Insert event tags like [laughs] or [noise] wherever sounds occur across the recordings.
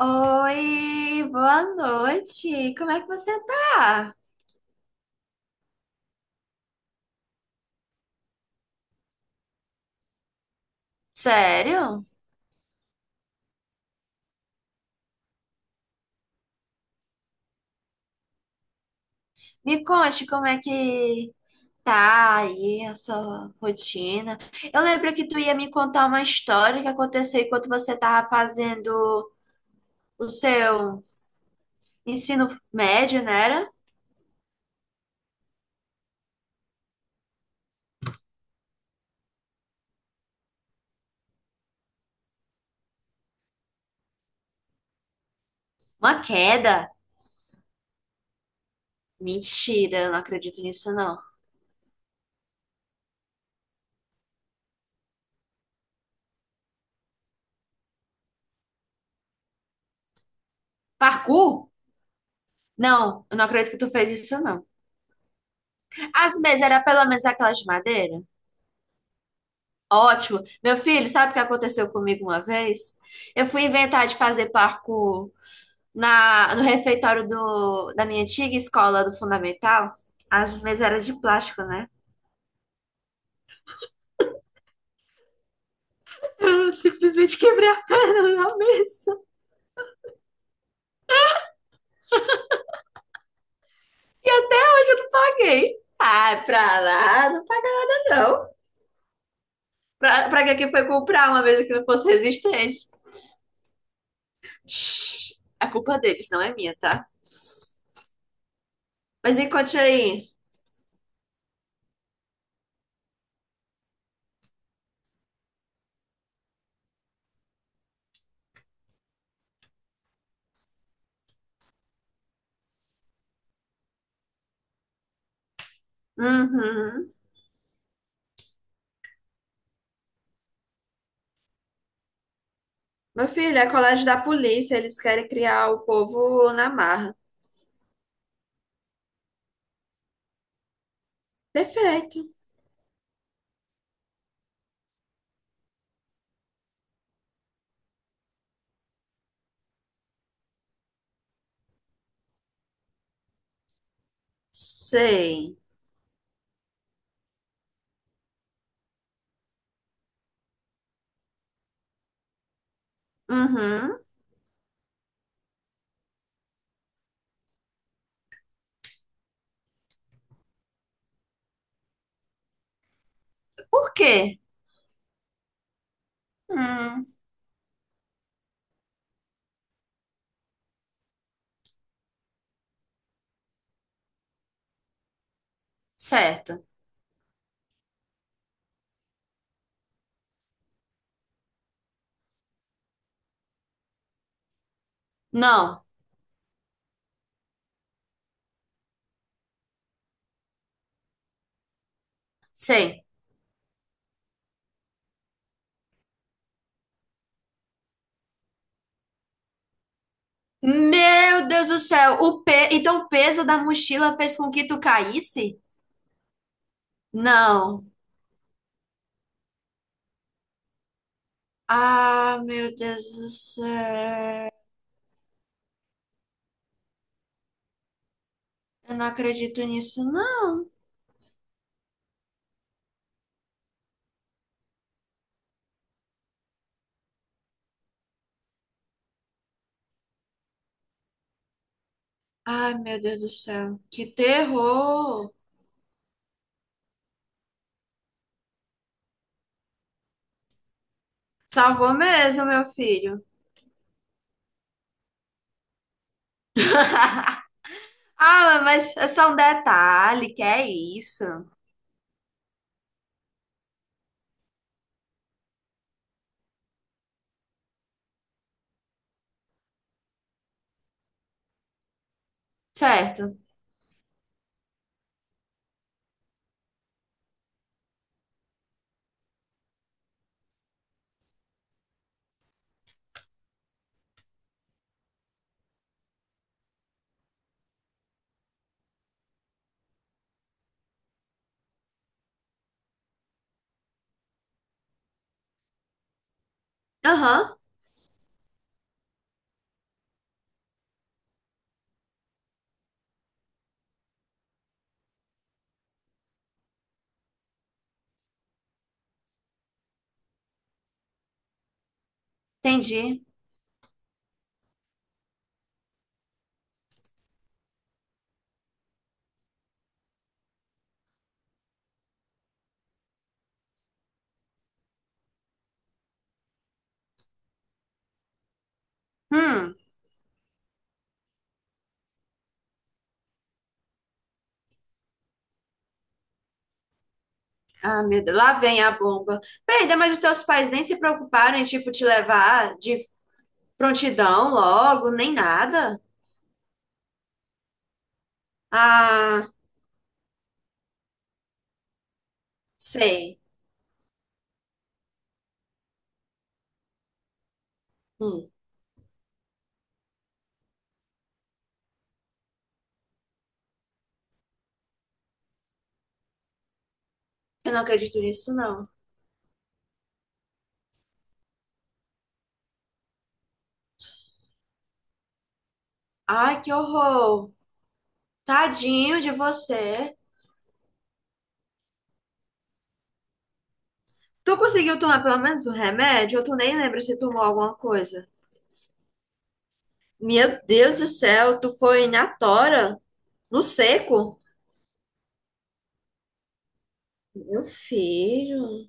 Oi, boa noite. Como é que você tá? Sério? Me conte como é que tá aí a sua rotina. Eu lembro que tu ia me contar uma história que aconteceu enquanto você tava fazendo o seu ensino médio, não era? Uma queda? Mentira, eu não acredito nisso não. Parkour? Não, eu não acredito que tu fez isso não. As mesas eram pelo menos aquelas de madeira? Ótimo. Meu filho, sabe o que aconteceu comigo uma vez? Eu fui inventar de fazer parkour no refeitório da minha antiga escola do Fundamental. As mesas eram de plástico, né? Eu simplesmente quebrei a perna [laughs] na mesa. E até hoje eu não paguei. Ai, pra lá, não paga não. Pra que que foi comprar uma mesa que não fosse resistente? Shhh, a culpa deles, não é minha, tá? Mas e conte aí. Uhum. Meu filho, é colégio da polícia, eles querem criar o povo na marra. Perfeito. Sei. Uhum. Por quê? Hum, certo. Não, sei. Meu Deus do céu, então o peso da mochila fez com que tu caísse? Não. Ah, meu Deus do céu. Eu não acredito nisso, não. Ai, meu Deus do céu. Que terror. Salvou mesmo, meu filho. [laughs] Ah, mas é só um detalhe, que é isso. Certo. Aham, entendi. Hum. Ah, meu Deus, lá vem a bomba. Peraí, daí, mas os teus pais nem se preocuparam em, tipo, te levar de prontidão logo, nem nada? Ah, sei. Hum. Eu não acredito nisso, não. Ai, que horror. Tadinho de você. Tu conseguiu tomar pelo menos um remédio? Ou tu nem lembra se tomou alguma coisa? Meu Deus do céu, tu foi na tora? No seco? Meu filho,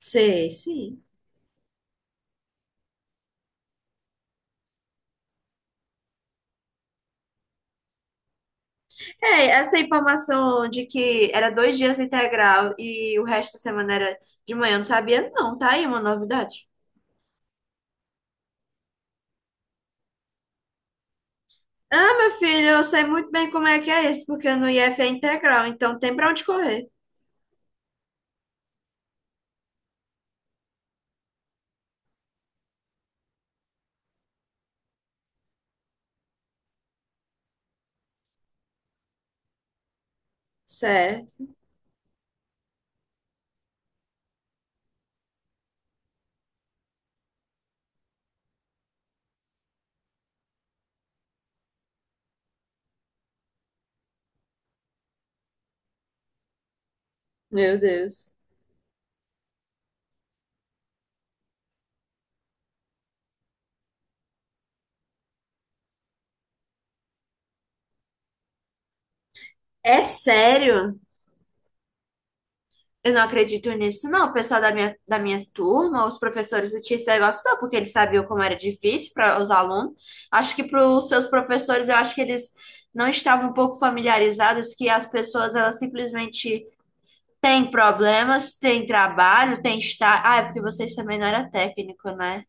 sei, sim. É, essa informação de que era dois dias integral e o resto da semana era de manhã, eu não sabia, não. Tá aí uma novidade. Ah, meu filho, eu sei muito bem como é que é isso, porque no IF é integral, então tem pra onde correr. Certo. Meu Deus. É sério? Eu não acredito nisso, não. O pessoal da minha turma, os professores do esse negócio não, porque eles sabiam como era difícil para os alunos. Acho que para os seus professores, eu acho que eles não estavam um pouco familiarizados que as pessoas, elas simplesmente têm problemas, têm trabalho, têm estar. Ah, é porque vocês também não eram técnico, né?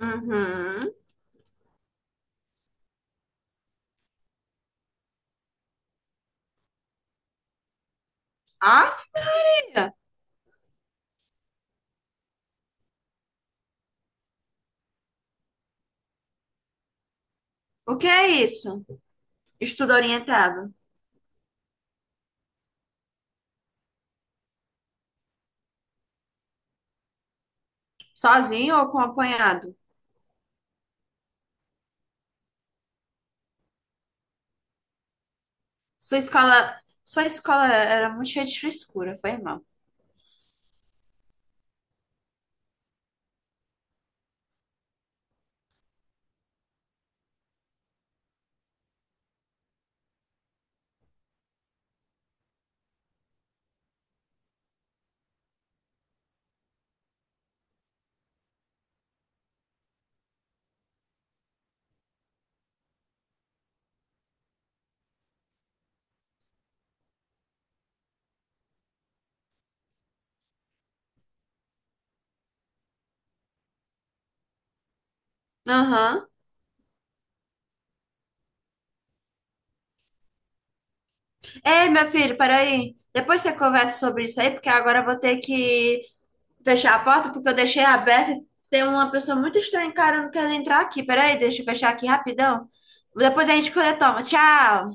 Uhum. Ah, filha, o que é isso? Estudo orientado. Sozinho ou acompanhado? Sua escola, sua escola era muito cheia de frescura, foi mal. Aham. Ei, meu filho, peraí. Depois você conversa sobre isso aí, porque agora eu vou ter que fechar a porta, porque eu deixei aberta. Tem uma pessoa muito estranha encarando querendo entrar aqui. Peraí, deixa eu fechar aqui rapidão. Depois a gente toma. Tchau!